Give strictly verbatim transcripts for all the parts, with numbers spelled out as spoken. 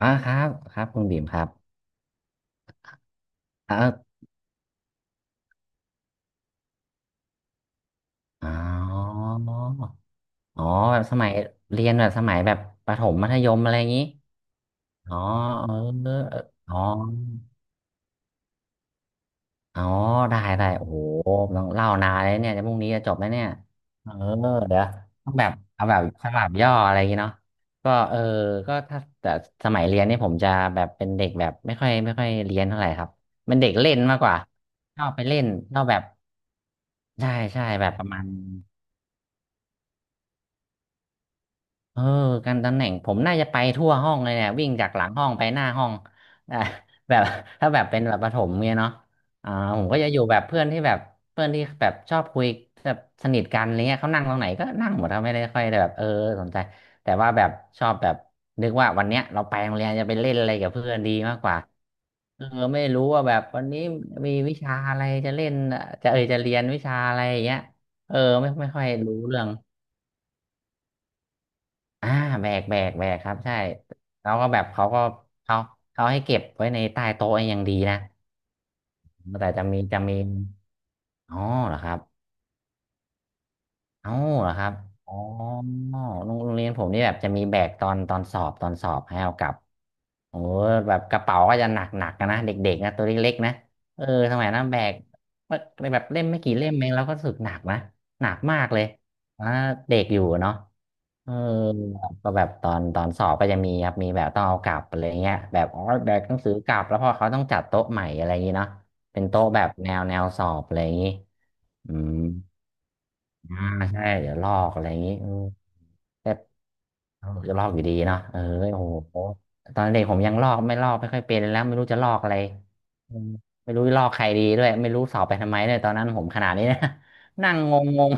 อ่าครับครับคุณบีมครับอ่าเอออ๋ออ๋อแบบสมัยเรียนแบบสมัยแบบประถมมัธยมอะไรอย่างนี้อ๋อเออเอออ๋ออ๋อได้ได้โอ้โหต้องเล่านานเลยเนี่ยจะพรุ่งนี้จะจบไหมเนี่ยเออเดี๋ยวต้องแบบเอาแบบสลับย่ออะไรอย่างงี้เนาะก็เออก็ถ้าแต่สมัยเรียนนี่ผมจะแบบเป็นเด็กแบบไม่ค่อยไม่ค่อยเรียนเท่าไหร่ครับเป็นเด็กเล่นมากกว่าชอบไปเล่นชอบแบบใช่ใช่แบบประมาณ เออการตำแหน่งผมน่าจะไปทั่วห้องเลยเนี่ยวิ่งจากหลังห้องไปหน้าห้องอ่ะ แบบถ้าแบบเป็นแบบประถมเนี่ยเนาะอ่าผมก็จะอยู่แบบเพื่อนที่แบบเพื่อนที่แบบชอบคุยแบบสนิทกันอะไรเงี้ยเขานั่งตรงไหนก็นั่งหมดเขาไม่ได้ค่อยได้แบบเออสนใจแต่ว่าแบบชอบแบบนึกว่าวันเนี้ยเราไปโรงเรียนจะไปเล่นอะไรกับเพื่อนดีมากกว่าเออไม่รู้ว่าแบบวันนี้มีวิชาอะไรจะเล่นอ่ะจะเออจะเรียนวิชาอะไรอย่างเงี้ยเออไม่ไม่ค่อยรู้เรื่อง อ่าแบกแบกแบกครับใช่แล้วก็แบบเขาก็เขาเขาให้เก็บไว้ในใต้โต๊ะอย่างดีนะแต่จะมีจะมีอ๋อเหรอครับ เอ้าเหรอครับอ๋อโรงโรงเรียนผมนี่แบบจะมีแบกตอนตอนสอบตอนสอบให้เอากลับโอ้โหแบบกระเป๋าก็จะหนักหนักนะเด็กๆนะตัวเล็กๆนะเออสมัยนั้นแบกแบบเล่มไม่กี่เล่มเองเราก็รู้สึกหนักนะหนักมากเลยอ่าเด็กอยู่เนาะเออก็แบบตอนตอนสอบก็จะมีครับมีแบบต้องเอากลับอะไรเงี้ยแบบอ๋อแบกหนังสือกลับแล้วพอเขาต้องจัดโต๊ะใหม่อะไรอย่างงี้เนาะเป็นโต๊ะแบบแนวแนวสอบอะไรอย่างงี้อืม อ่าใช่เดี๋ยวลอกอะไรอย่างนี้เออแต่จะลอกอยู่ดีเนาะเออโอ้โหตอนเด็กผมยังลอกไม่ลอกไม่ค่อยเป็นแล้วไม่รู้จะลอกอะไรเออไม่รู้จะลอกใครดีด้วยไม่รู้สอบไปทำไมเนี่ยตอนนั้นผมขนาดนี้นะ นั่งงงงง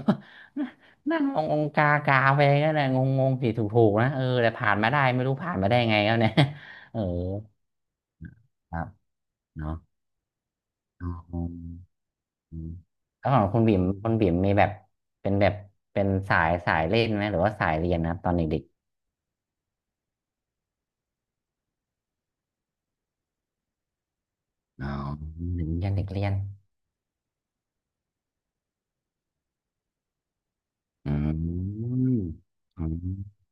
นั่งงงงกากาไปก็เลยงงงงผิดถูกถูกนะเออแต่ผ่านมาได้ไม่รู้ผ่านมาได้ไงแล้วเนี่ย เออครับเนาะอ๋อ อืมแล้วของคุณบิ่มคุณบิ่มมีแบบเป็นแบบเป็นสายสายเล่นไหมหรือว่าสายเรียนนะตอนเด็กๆอ๋อเด็กเรียนเด็กเรียนอืมอืม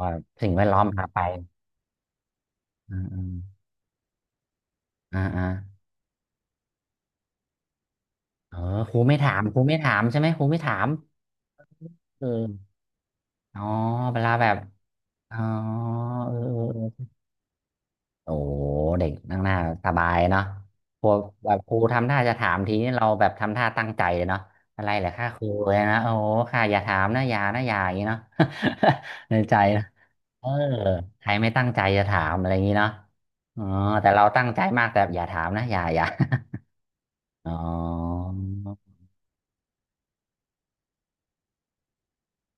ว่าสิ่งแวดล้อมพาไปอืมอืมอ่าอ่าเออครูไม่ถามครูไม่ถามใช่ไหมครูไม่ถามเอออ๋อเวลาแบบอ๋อเออเออเออ โอ้โหเด็กนั่งหน้าสบายเนาะพวกแบบครูทำท่าจะถามทีนี้เราแบบทำท่าตั้งใจเลยเนาะอะไรเหรอค่าครูเลยนะโอ้โหค่าอย่าถามนะอย่านะอย่าอย่างนี้เนาะ ในใจนะเออใครไม่ตั้งใจจะถามอะไรอย่างนี้เนาะอ๋อแต่เราตั้งใจมากแต่อย่าถามนะอย่าอย่า อ๋อ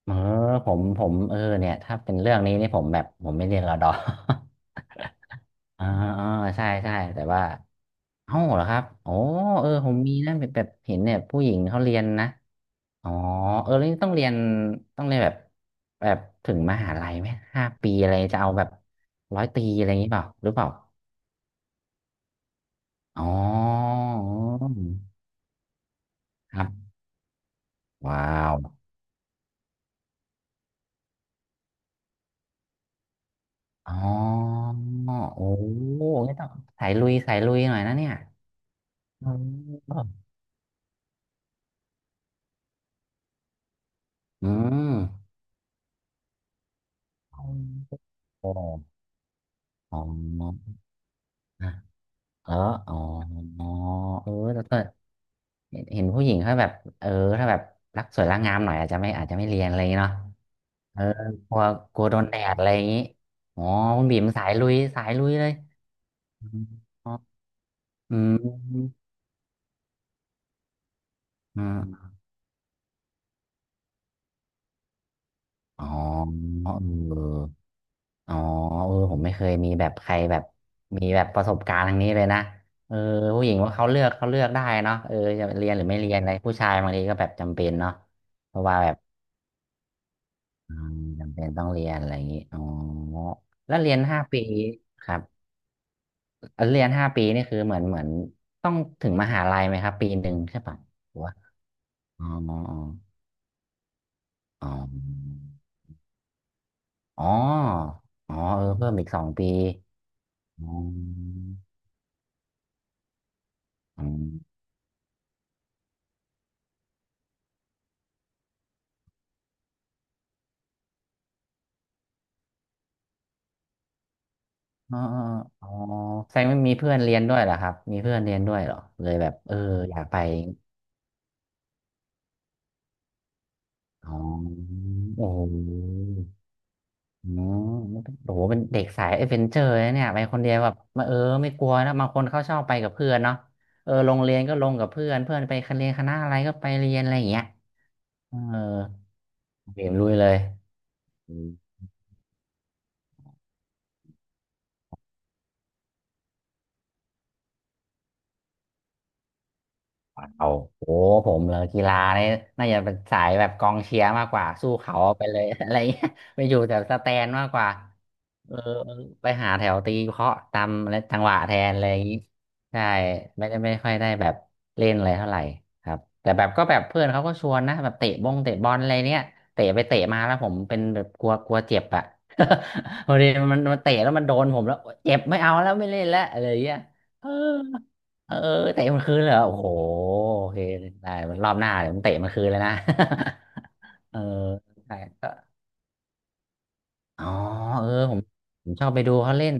เออผมผมเออเนี่ยถ้าเป็นเรื่องนี้นี่ผมแบบผมไม่เรียนรอดอ อ่าอ่าใช่ใช่แต่ว่า เอ้าเหรอครับโอ้เออผมมีนะแบบแบบเห็นเนี่ยผู้หญิงเขาเรียนนะอ๋อเออแล้วนี่ต้องเรียนต้องเรียนแบบแบบถึงมหาลัยไหมห้าปีอะไรจะเอาแบบร้อยตรีอะไรอย่างนี้เปล่าหรือเปล่าอ๋อครับว้าวอ๋อโอ้งั้นต้องสายลุยสายลุยหน่อยนะเนี่ยอืมอืมโอ้อ๋อนะแล้วอ๋อเออแล้วก็ เห็นเห็นผู้หญิงเขาแบบเออถ้าแบบรักสวยรักงามหน่อยอาจจะไม่อาจจะไม่เรียนอะไรอย่างงี้เนาะเออกลัวกลัวโดนแดดอะไรอย่างงี้อ๋อคุณบีมสายลุยสายลุยเลยอมอืมอืมอ๋อเอออ๋อเออผมไม่เคยมีแบบใครแบบมีแบบประสบการณ์ทางนี้เลยนะเออผู้หญิงว่าเขาเลือกเขาเลือกได้เนาะเออจะเรียนหรือไม่เรียนอะไรผู้ชายบางทีก็แบบจำเป็นเนาะเพราะว่าแบบ อืมจำเป็นต้องเรียนอะไรอย่างนี้อ๋อแล้วเรียนห้าปีครับแล้วเรียนห้าปีนี่คือเหมือนเหมือนต้องถึงมหาลัยไหมครับปีหนึ่งใช่ปะหรือว่าอ๋ออ๋ออ๋ออ๋อเออเพิ่มอีกสองปีอ๋ออ๋ออ๋ออ๋อแสดงว่ามีเพื่อนเรียนด้วยเหรอครับมีเพื่อนเรียนด้วยเหรอเลยแบบเอออยากไปอ๋อโอ้โห อ๋อมันเป็นโอ้โหเป็นเด็กสายเอเวนเจอร์นะเนี่ยไปคนเดียวแบบมาเออไม่กลัวนะบางคนเขาชอบไปกับเพื่อนเนาะเออโรงเรียนก็ลงกับเพื่อนเพื่อนไปคณะเรียนคณะอะไรก็ไปเรียนอะไรอย่างเงี้ยเออเรียนลุยเลย เอาโอ้ผมเลยกีฬาเนี่ยน่าจะเป็นสายแบบกองเชียร์มากกว่าสู้เขาไปเลย อะไรเงี้ยไปอยู่แต่สแตนมากกว่าเออไปหาแถวตีเคาะตามและจังหวะแทนอะไรอย่างงี้ใช่ไม่ได้ไม่ค่อยได้แบบเล่นอะไรเท่าไหร่ครับแต่แบบก็แบบเพื่อนเขาก็ชวนนะแบบเตะบงเตะบอลอะไรเนี้ยเตะไปเตะมาแล้วผมเป็นแบบกลัวกลัวเจ็บอะ พอดีมันมันเตะแล้วมันโดนผมแล้วเจ็บไม่เอาแล้วไม่เล่นแล้วอะไรอย่างเงี้ยเออ เออเตะมันคืนเลยเหรอโอ้โหโอเคได้มันรอบหน้าเดี๋ยวผมเตะมันคืนเลยนะ เออใช่ก็อ๋อเออผมผมชอบไปดูเขาเล่น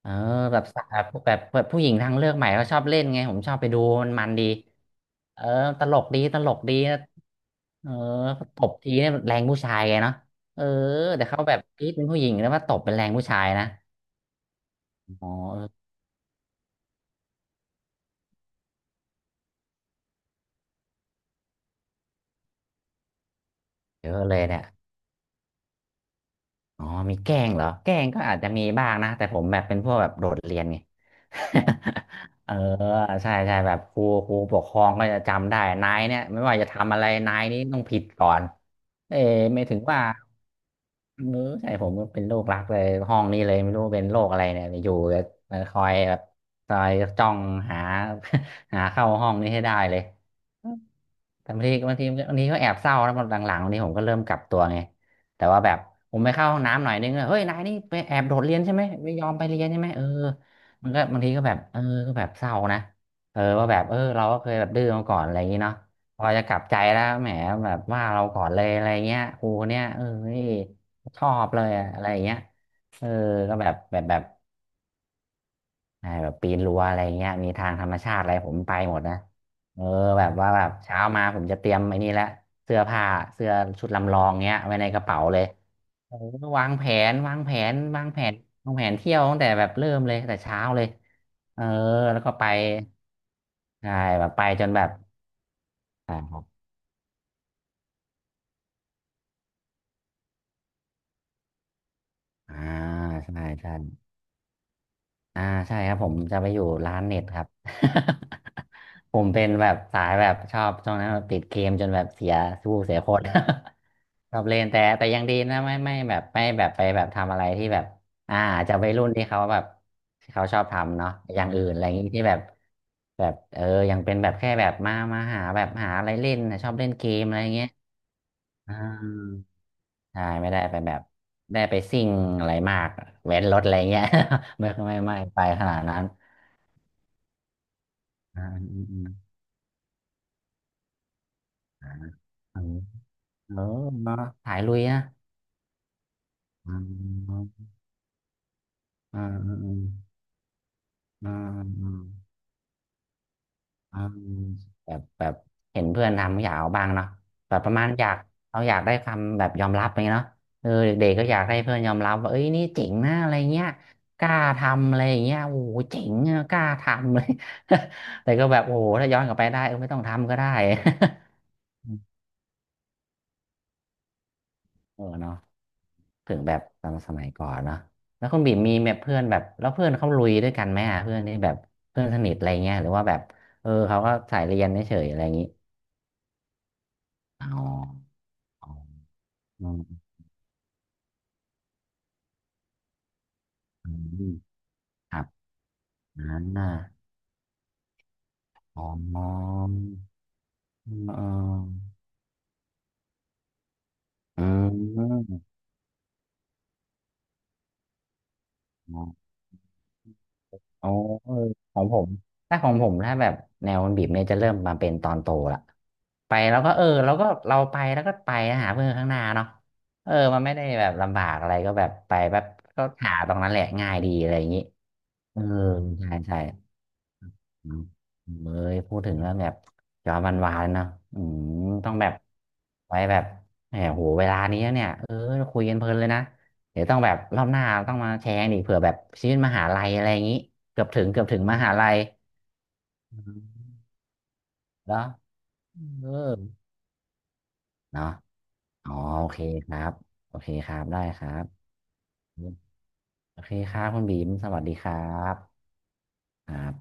เออแบบสาวแบบแบบผู้หญิงทางเลือกใหม่เขาชอบเล่นไงผมชอบไปดูมันมันดีเออตลกดีตลกดีนะเออตบทีเนี่ยแรงผู้ชายไงเนาะเออแต่เขาแบบกรี๊ดเป็นผู้หญิงแล้วว่าตบเป็นแรงผู้ชายนะอ๋อเออเยอะเลยเนี่ย อ๋อมีแกล้งเหรอแกล้งก็อาจจะมีบ้างนะ แต่ผมแบบเป็นพวกแบบโดดเรียนไง เออใช่ใช่แบบครูครูปกครองก็จะจำได้นายเนี่ยไม่ว่าจะทำอะไรนายนี้ต้องผิดก่อนเอ้ไม่ถึงว่าเออใช่ผมก็เป็นโรครักเลยห้องนี้เลยไม่รู้เป็นโรคอะไรเนี่ยอยู่จะคอยแบบคอยจ้องหา หาเข้าห้องนี้ให้ได้เลย แต่บางทีบางทีบางทีก็แอบเศร้าแล้วหลังๆวันนี้ผมก็เริ่มกลับตัวไงแต่ว่าแบบผมไปเข้าห้องน้ำหน่อยนึงอะเฮ้ยนายนี่ไปแอบโดดเรียนใช่ไหมไม่ยอมไปเรียนใช่ไหมเออมันก็บางทีก็แบบเออก็แบบเศร้านะเออว่าแบบเออเราก็เคยแบบดื้อมาก่อนอะไรอย่างงี้เนาะพอจะกลับใจแล้วแหมแบบว่าเราก่อนเลยอะไรเงี้ยครูเนี่ยเออนี่ชอบเลยอะอะไรอย่างเงี้ยเออก็แบบแบบแบบ ใช่แบบปีนรั้วอะไรเงี้ยมีทางธรรมชาติอะไรผมไปหมดนะเออแบบว่าแบบเช้ามาผมจะเตรียมไอ้นี่ละเสื้อผ้าเสื้อชุดลำลองเงี้ยไว้ในกระเป๋าเลยโอ้โหวางแผนวางแผนวางแผนวางแผนเที่ยวตั้งแต่แบบเริ่มเลยตั้งแต่เช้าเลยเออแล้วก็ไปใช่แบบไปจนแบบอ่าอ่าใช่ใช่ อ่าใช่ครับผมจะไปอยู่ร้านเน็ตครับ ผมเป็นแบบสายแบบชอบช่วงนั้นแบบติดเกมจนแบบเสียสู้เสียคน ชอบเล่นแต่แต่ยังดีนะไม่ไม่แบบไม่แบบไปแบบทำอะไรที่แบบอ่าอาจจะไปรุ่นที่เขาแบบที่เขาชอบทำเนาะอย่างอื่นอะไรอย่างงี้ที่แบบแบบเออยังเป็นแบบแค่แบบมามาหาแบบหาอะไรเล่นนะชอบเล่นเกมอะไรอย่างเงี้ยอ่าใช่ไม่ได้ไปแบบได้ไปซิ่งอะไรมากเว้นรถอะไรเงี้ย ไม่ไม่ไม่ไปขนาดนั้น อ่าอืมอืมอ่าเออเออเนอะสายลุยนะอมอมอืมอืมอืมอมอืมแบบแบบเห็นเพื่อนทำอยากเอาบ้างเนาะแบบประมาณอยากเราอยากได้คำแบบยอมรับอย่างเงี้ยเนาะเออเด็กๆก็อยากให้เพื่อนยอมรับว่าเอ้ยนี่เจ๋งนะอะไรเงี้ยกล้าทำอะไรอย่างเงี้ยโอ้โหเจ๋งอะกล้าทำเลย แต่ก็แบบโอ้โหถ้าย้อนกลับไปได้เออไม่ต้องทำก็ได้ เออเนาะ ถึงแบบตอนสมัยก่อนเนาะแล้วคุณบีมมีแบบเพื่อนแบบแล้วเพื่อนเขาลุยด้วยกันไหมอ่ะเพื่อนที่แบบเพื่อนสนิทอะไรเงี้ยหรือว่าแบบเออเขาก็สายเรียนเฉยๆอะไรอย่างนี้อ๋ออ๋ออืมอืมครับนั้นน่ะอ๋ออ๋ออืมอืม อ๋อเออของผมถ้าของผมถ้าแบบแนวมันบีบเนี่ยจะเริ่มมาเป็นตอนโตละไปแล้วก็เออแล้วก็เราไปแล้วก็ไปหาเพื่อนข้างหน้าเนาะเออมันไม่ได้แบบลำบากอะไรก็แบบไปแบบก็หาตรงนั้นแหละง่ายดีอะไรอย่างนี้เออใช่ใช่ อืมเอ้ยพูดถึงแล้วแบบจอมันวานๆนะอืมต้องแบบไว้แบบแหมโหเวลานี้เนี่ยเออคุยกันเพลินเลยนะเดี๋ยวต้องแบบรอบหน้าต้องมาแชร์กันอีกเผื่อแบบชีวิตมหาลัยอะไรอย่างนี้เกือบถึงเกือบถึงมหาลัยอืมแล้วเออเนาะอ๋อโอเคครับโอเคครับได้ครับโอเคครับคุณบีมสวัสดีครับครับ